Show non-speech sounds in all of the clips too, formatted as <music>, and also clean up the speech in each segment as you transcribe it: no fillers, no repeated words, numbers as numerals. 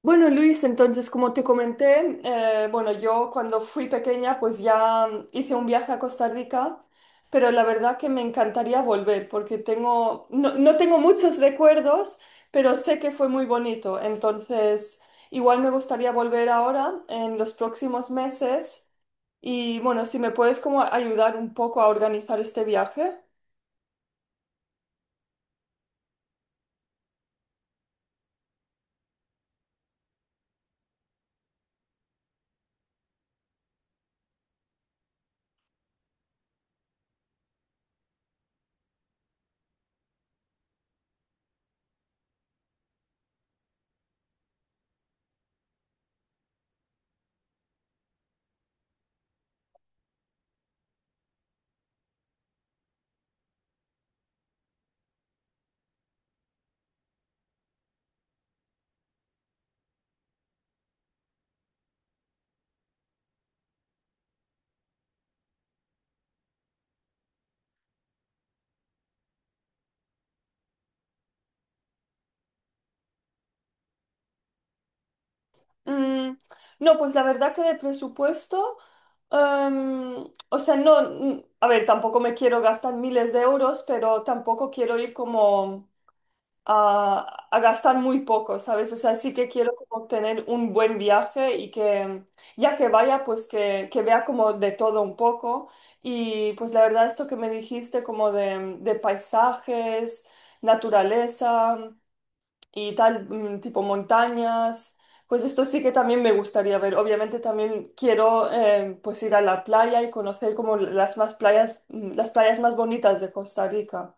Bueno, Luis, entonces, como te comenté, yo cuando fui pequeña, pues ya hice un viaje a Costa Rica, pero la verdad que me encantaría volver porque tengo, no, no tengo muchos recuerdos, pero sé que fue muy bonito. Entonces, igual me gustaría volver ahora en los próximos meses y bueno, si me puedes como ayudar un poco a organizar este viaje. Mm, no, pues la verdad que de presupuesto, o sea, no, a ver, tampoco me quiero gastar miles de euros, pero tampoco quiero ir como a gastar muy poco, ¿sabes? O sea, sí que quiero como tener un buen viaje y que ya que vaya, pues que vea como de todo un poco. Y pues la verdad, esto que me dijiste como de paisajes, naturaleza y tal, tipo montañas. Pues esto sí que también me gustaría ver. Obviamente también quiero pues ir a la playa y conocer como las más playas, las playas más bonitas de Costa Rica.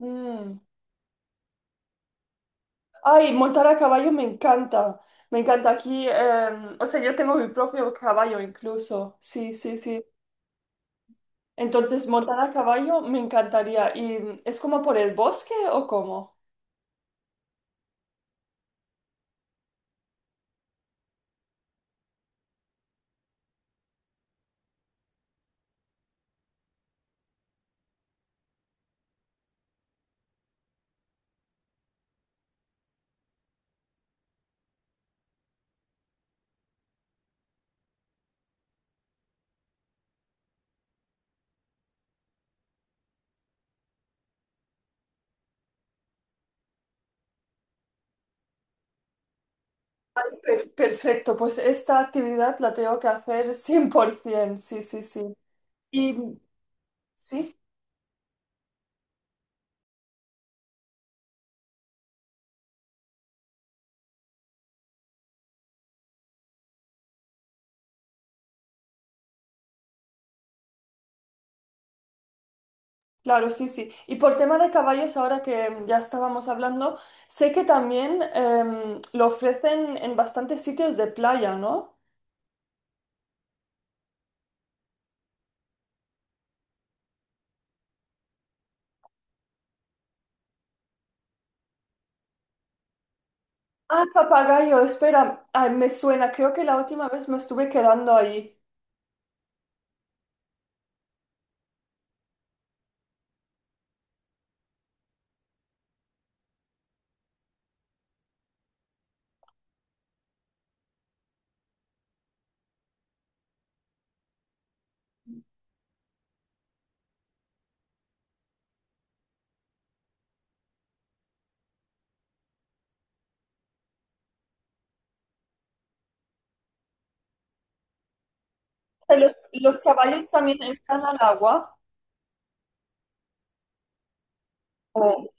Mm. Ay, montar a caballo me encanta. Me encanta aquí. O sea, yo tengo mi propio caballo incluso. Sí, sí, sí. Entonces, montar a caballo me encantaría. ¿Y es como por el bosque o cómo? Perfecto, pues esta actividad la tengo que hacer 100%, sí, sí, sí. Y sí, claro, sí, sí. Y por tema de caballos, ahora que ya estábamos hablando, sé que también lo ofrecen en bastantes sitios de playa, ¿no? Ah, papagayo, espera, ay, me suena, creo que la última vez me estuve quedando ahí. Los caballos también entran al agua? Oh.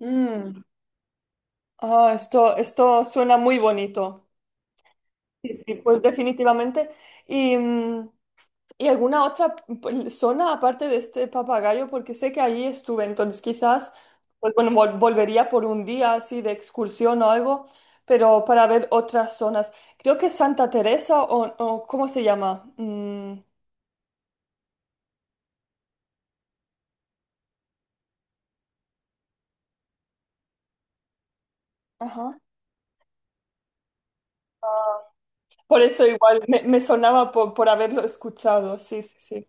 Mm. Ah, esto suena muy bonito. Sí, sí, pues definitivamente. ¿Y, y alguna otra zona aparte de este papagayo? Porque sé que allí estuve, entonces quizás, pues bueno, volvería por un día así de excursión o algo, pero para ver otras zonas. Creo que Santa Teresa o ¿cómo se llama? Mm, ajá. Por eso igual me, me sonaba por haberlo escuchado, sí, sí,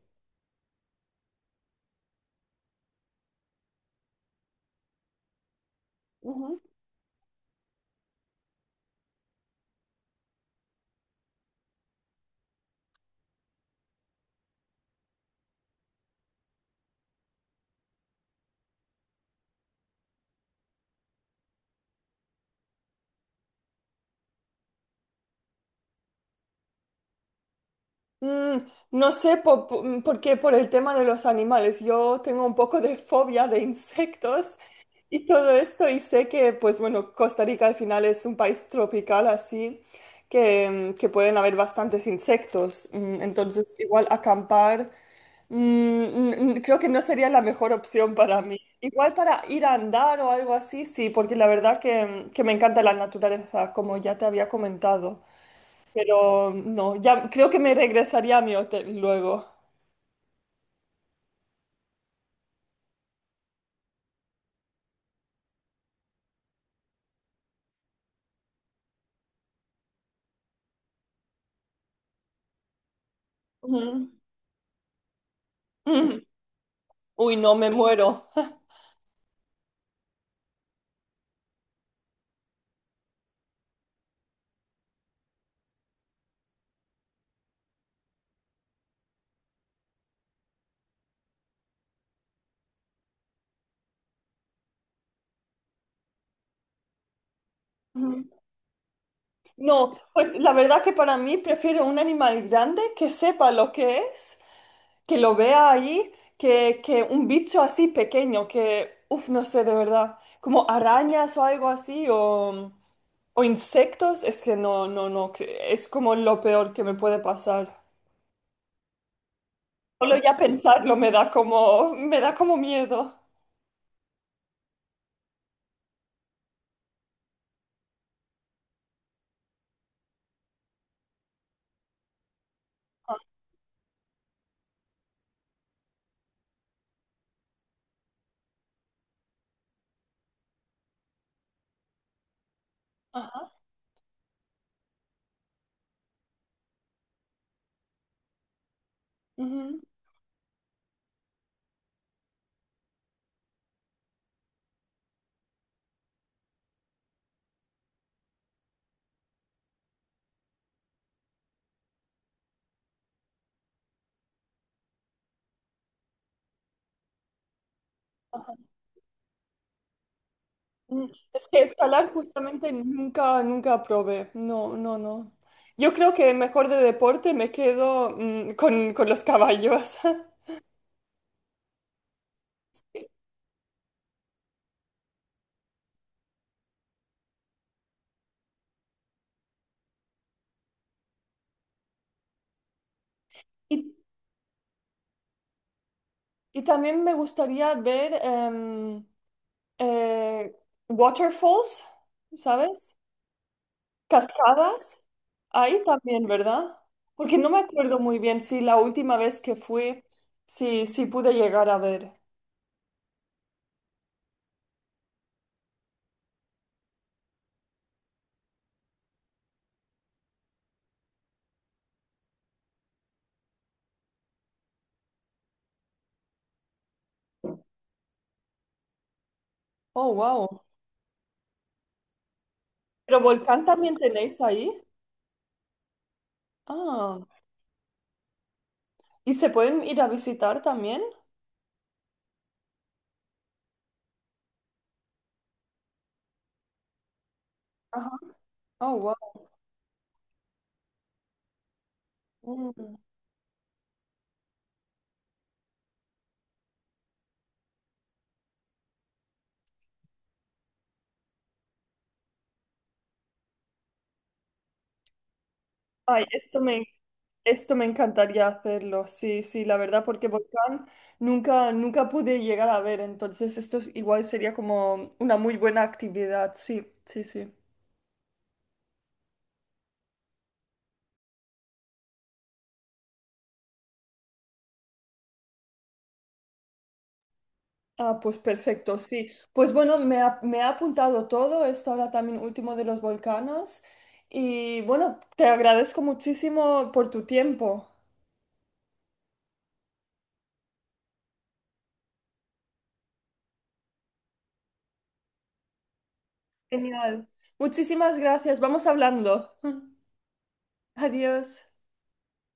sí. Mm, no sé por, qué, por el tema de los animales. Yo tengo un poco de fobia de insectos <laughs> y todo esto y sé que, pues bueno, Costa Rica al final es un país tropical así, que, que pueden haber bastantes insectos. Entonces, igual acampar, creo que no sería la mejor opción para mí. Igual para ir a andar o algo así, sí, porque la verdad que, que me encanta la naturaleza, como ya te había comentado. Pero no, ya creo que me regresaría a mi hotel luego. Ujú. Ujú. Uy, no, me muero. Ujú. No, pues la verdad que para mí prefiero un animal grande que sepa lo que es, que lo vea ahí, que un bicho así pequeño, que, uff, no sé, de verdad, como arañas o algo así, o insectos, es que no, no, no, que es como lo peor que me puede pasar. Solo ya pensarlo me da como miedo. Ajá. Ujú, ajá. Mm, Es que escalar justamente nunca, nunca probé. No, no, no. Yo creo que mejor de deporte me quedo con los caballos. <laughs> Y, y también me gustaría ver eh, waterfalls, ¿sabes? Cascadas. Ahí también, ¿verdad? Porque no me acuerdo muy bien si la última vez que fui, si, si pude llegar a ver. Oh, wow. ¿Pero volcán también tenéis ahí? Ah. ¿Y se pueden ir a visitar también? Ajá. Oh, wow. Mm. Ay, esto me encantaría hacerlo, sí, sí, la verdad, porque volcán nunca, nunca pude llegar a ver, entonces esto igual sería como una muy buena actividad, sí, sí, sí. Ah, pues perfecto, sí. Pues bueno, me ha apuntado todo, esto ahora también último de los volcanes, y bueno, te agradezco muchísimo por tu tiempo. Genial. Muchísimas gracias, vamos hablando. <laughs> Adiós.